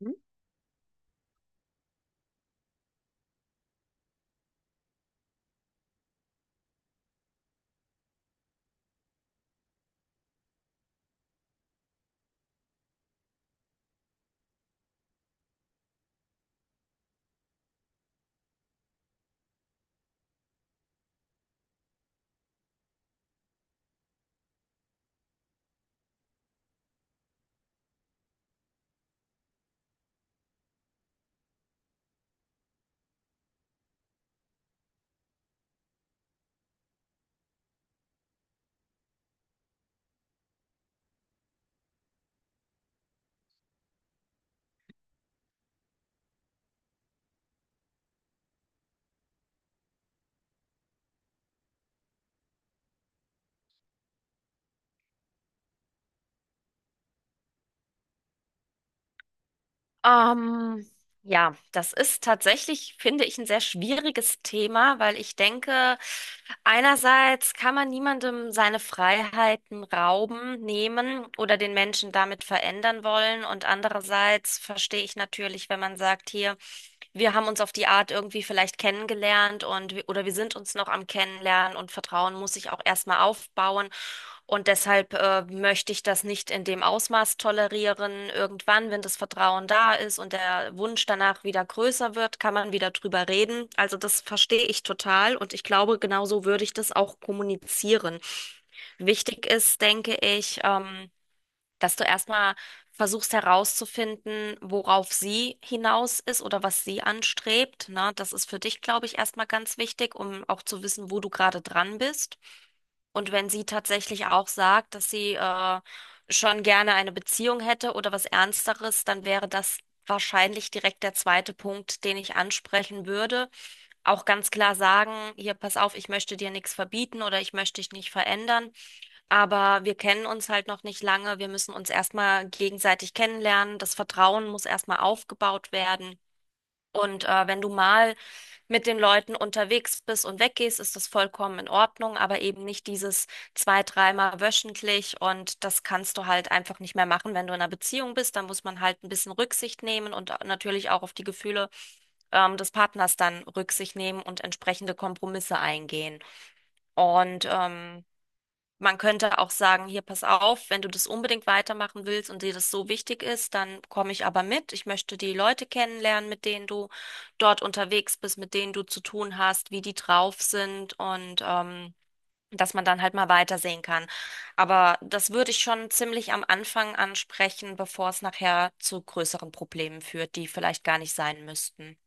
Mhm. Ähm, ja, das ist tatsächlich, finde ich, ein sehr schwieriges Thema, weil ich denke, einerseits kann man niemandem seine Freiheiten rauben, nehmen oder den Menschen damit verändern wollen. Und andererseits verstehe ich natürlich, wenn man sagt, hier, wir haben uns auf die Art irgendwie vielleicht kennengelernt und wir- oder wir sind uns noch am Kennenlernen und Vertrauen muss sich auch erstmal aufbauen. Und deshalb möchte ich das nicht in dem Ausmaß tolerieren. Irgendwann, wenn das Vertrauen da ist und der Wunsch danach wieder größer wird, kann man wieder drüber reden. Also das verstehe ich total und ich glaube, genauso würde ich das auch kommunizieren. Wichtig ist, denke ich, dass du erstmal versuchst herauszufinden, worauf sie hinaus ist oder was sie anstrebt. Ne? Das ist für dich, glaube ich, erstmal ganz wichtig, um auch zu wissen, wo du gerade dran bist. Und wenn sie tatsächlich auch sagt, dass sie schon gerne eine Beziehung hätte oder was Ernsteres, dann wäre das wahrscheinlich direkt der zweite Punkt, den ich ansprechen würde. Auch ganz klar sagen, hier, pass auf, ich möchte dir nichts verbieten oder ich möchte dich nicht verändern, aber wir kennen uns halt noch nicht lange. Wir müssen uns erstmal gegenseitig kennenlernen. Das Vertrauen muss erstmal aufgebaut werden. Und wenn du mal mit den Leuten unterwegs bist und weggehst, ist das vollkommen in Ordnung, aber eben nicht dieses zwei, dreimal wöchentlich und das kannst du halt einfach nicht mehr machen, wenn du in einer Beziehung bist. Da muss man halt ein bisschen Rücksicht nehmen und natürlich auch auf die Gefühle des Partners dann Rücksicht nehmen und entsprechende Kompromisse eingehen. Und man könnte auch sagen, hier, pass auf, wenn du das unbedingt weitermachen willst und dir das so wichtig ist, dann komme ich aber mit. Ich möchte die Leute kennenlernen, mit denen du dort unterwegs bist, mit denen du zu tun hast, wie die drauf sind und dass man dann halt mal weitersehen kann. Aber das würde ich schon ziemlich am Anfang ansprechen, bevor es nachher zu größeren Problemen führt, die vielleicht gar nicht sein müssten.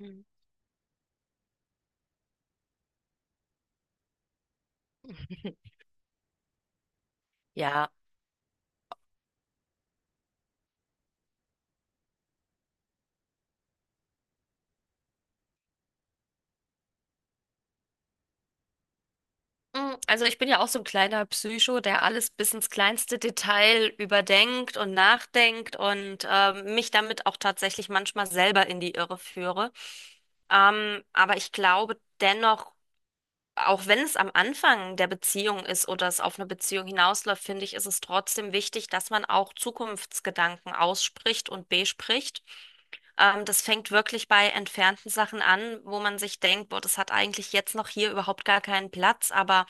Mhm. Ja. Mm, also ich bin ja auch so ein kleiner Psycho, der alles bis ins kleinste Detail überdenkt und nachdenkt und mich damit auch tatsächlich manchmal selber in die Irre führe. Aber ich glaube dennoch, auch wenn es am Anfang der Beziehung ist oder es auf eine Beziehung hinausläuft, finde ich, ist es trotzdem wichtig, dass man auch Zukunftsgedanken ausspricht und bespricht. Das fängt wirklich bei entfernten Sachen an, wo man sich denkt, boah, das hat eigentlich jetzt noch hier überhaupt gar keinen Platz, aber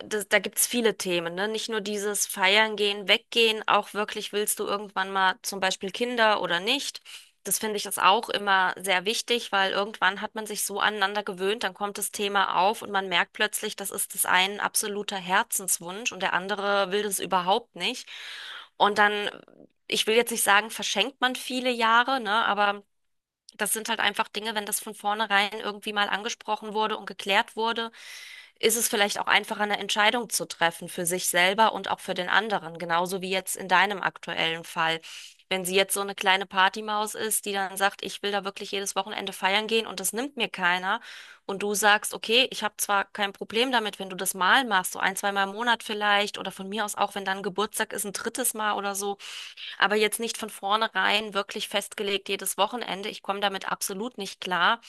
das, da gibt's viele Themen, ne? Nicht nur dieses Feiern gehen, weggehen, auch wirklich willst du irgendwann mal zum Beispiel Kinder oder nicht. Das finde ich ist auch immer sehr wichtig, weil irgendwann hat man sich so aneinander gewöhnt, dann kommt das Thema auf und man merkt plötzlich, das ist das ein absoluter Herzenswunsch und der andere will das überhaupt nicht. Und dann, ich will jetzt nicht sagen, verschenkt man viele Jahre, ne? Aber das sind halt einfach Dinge, wenn das von vornherein irgendwie mal angesprochen wurde und geklärt wurde, ist es vielleicht auch einfacher, eine Entscheidung zu treffen für sich selber und auch für den anderen, genauso wie jetzt in deinem aktuellen Fall. Wenn sie jetzt so eine kleine Partymaus ist, die dann sagt, ich will da wirklich jedes Wochenende feiern gehen und das nimmt mir keiner, und du sagst, okay, ich habe zwar kein Problem damit, wenn du das mal machst, so ein, zweimal im Monat vielleicht, oder von mir aus auch, wenn dann Geburtstag ist, ein drittes Mal oder so, aber jetzt nicht von vornherein wirklich festgelegt jedes Wochenende, ich komme damit absolut nicht klar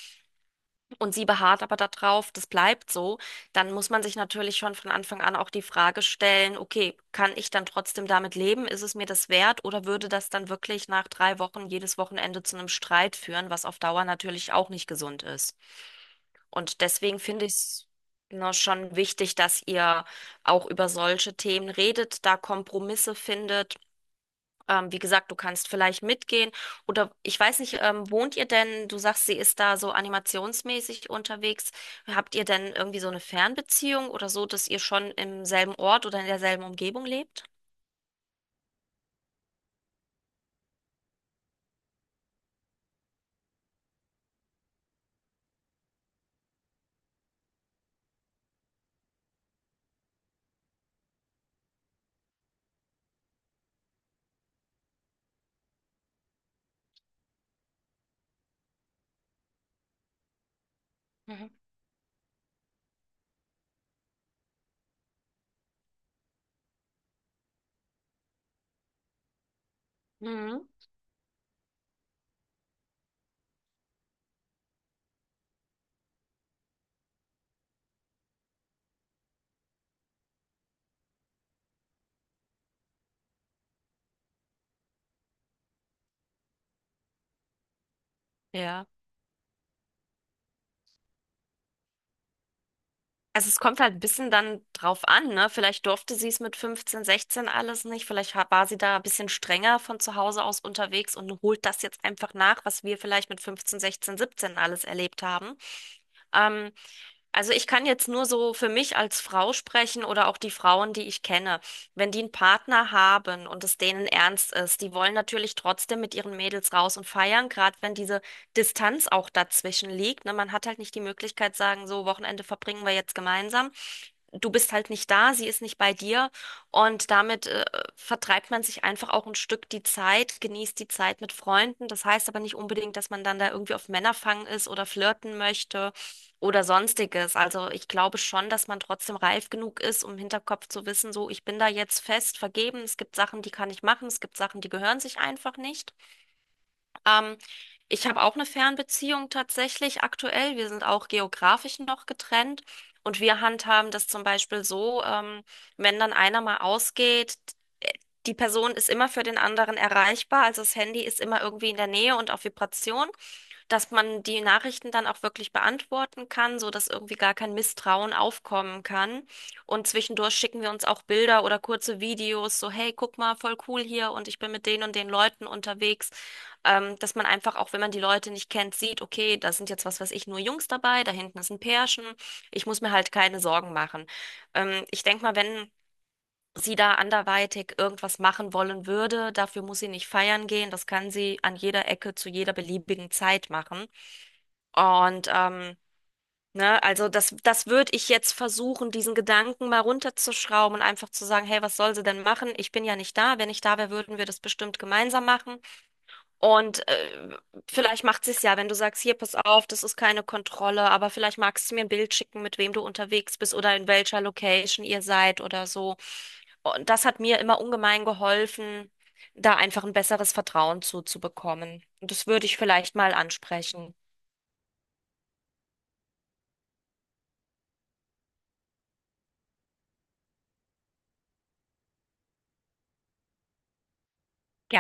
und sie beharrt aber darauf, das bleibt so, dann muss man sich natürlich schon von Anfang an auch die Frage stellen, okay, kann ich dann trotzdem damit leben? Ist es mir das wert? Oder würde das dann wirklich nach 3 Wochen jedes Wochenende zu einem Streit führen, was auf Dauer natürlich auch nicht gesund ist? Und deswegen finde ich es, ne, schon wichtig, dass ihr auch über solche Themen redet, da Kompromisse findet. Wie gesagt, du kannst vielleicht mitgehen oder ich weiß nicht, wohnt ihr denn, du sagst, sie ist da so animationsmäßig unterwegs. Habt ihr denn irgendwie so eine Fernbeziehung oder so, dass ihr schon im selben Ort oder in derselben Umgebung lebt? Mhm. Mhm. Ja. Also es kommt halt ein bisschen dann drauf an, ne? Vielleicht durfte sie es mit 15, 16 alles nicht. Vielleicht war sie da ein bisschen strenger von zu Hause aus unterwegs und holt das jetzt einfach nach, was wir vielleicht mit 15, 16, 17 alles erlebt haben. Ähm, also ich kann jetzt nur so für mich als Frau sprechen oder auch die Frauen, die ich kenne. Wenn die einen Partner haben und es denen ernst ist, die wollen natürlich trotzdem mit ihren Mädels raus und feiern, gerade wenn diese Distanz auch dazwischen liegt. Ne? Man hat halt nicht die Möglichkeit, sagen, so Wochenende verbringen wir jetzt gemeinsam. Du bist halt nicht da, sie ist nicht bei dir und damit vertreibt man sich einfach auch ein Stück die Zeit, genießt die Zeit mit Freunden. Das heißt aber nicht unbedingt, dass man dann da irgendwie auf Männerfang ist oder flirten möchte oder sonstiges. Also ich glaube schon, dass man trotzdem reif genug ist, um im Hinterkopf zu wissen, so, ich bin da jetzt fest vergeben. Es gibt Sachen, die kann ich machen. Es gibt Sachen, die gehören sich einfach nicht. Ähm, Ich habe auch eine Fernbeziehung tatsächlich aktuell. Wir sind auch geografisch noch getrennt. Und wir handhaben das zum Beispiel so, wenn dann einer mal ausgeht, die Person ist immer für den anderen erreichbar, also das Handy ist immer irgendwie in der Nähe und auf Vibration, dass man die Nachrichten dann auch wirklich beantworten kann, so dass irgendwie gar kein Misstrauen aufkommen kann. Und zwischendurch schicken wir uns auch Bilder oder kurze Videos, so hey, guck mal, voll cool hier und ich bin mit den und den Leuten unterwegs. Dass man einfach auch, wenn man die Leute nicht kennt, sieht, okay, da sind jetzt was weiß ich, nur Jungs dabei, da hinten ist ein Pärchen. Ich muss mir halt keine Sorgen machen. Ich denke mal, wenn sie da anderweitig irgendwas machen wollen würde. Dafür muss sie nicht feiern gehen. Das kann sie an jeder Ecke zu jeder beliebigen Zeit machen. Und ne, also das, das würde ich jetzt versuchen, diesen Gedanken mal runterzuschrauben und einfach zu sagen, hey, was soll sie denn machen? Ich bin ja nicht da. Wenn ich da wäre, würden wir das bestimmt gemeinsam machen. Und vielleicht macht sie es ja, wenn du sagst, hier, pass auf, das ist keine Kontrolle, aber vielleicht magst du mir ein Bild schicken, mit wem du unterwegs bist oder in welcher Location ihr seid oder so. Und das hat mir immer ungemein geholfen, da einfach ein besseres Vertrauen zuzubekommen. Und das würde ich vielleicht mal ansprechen.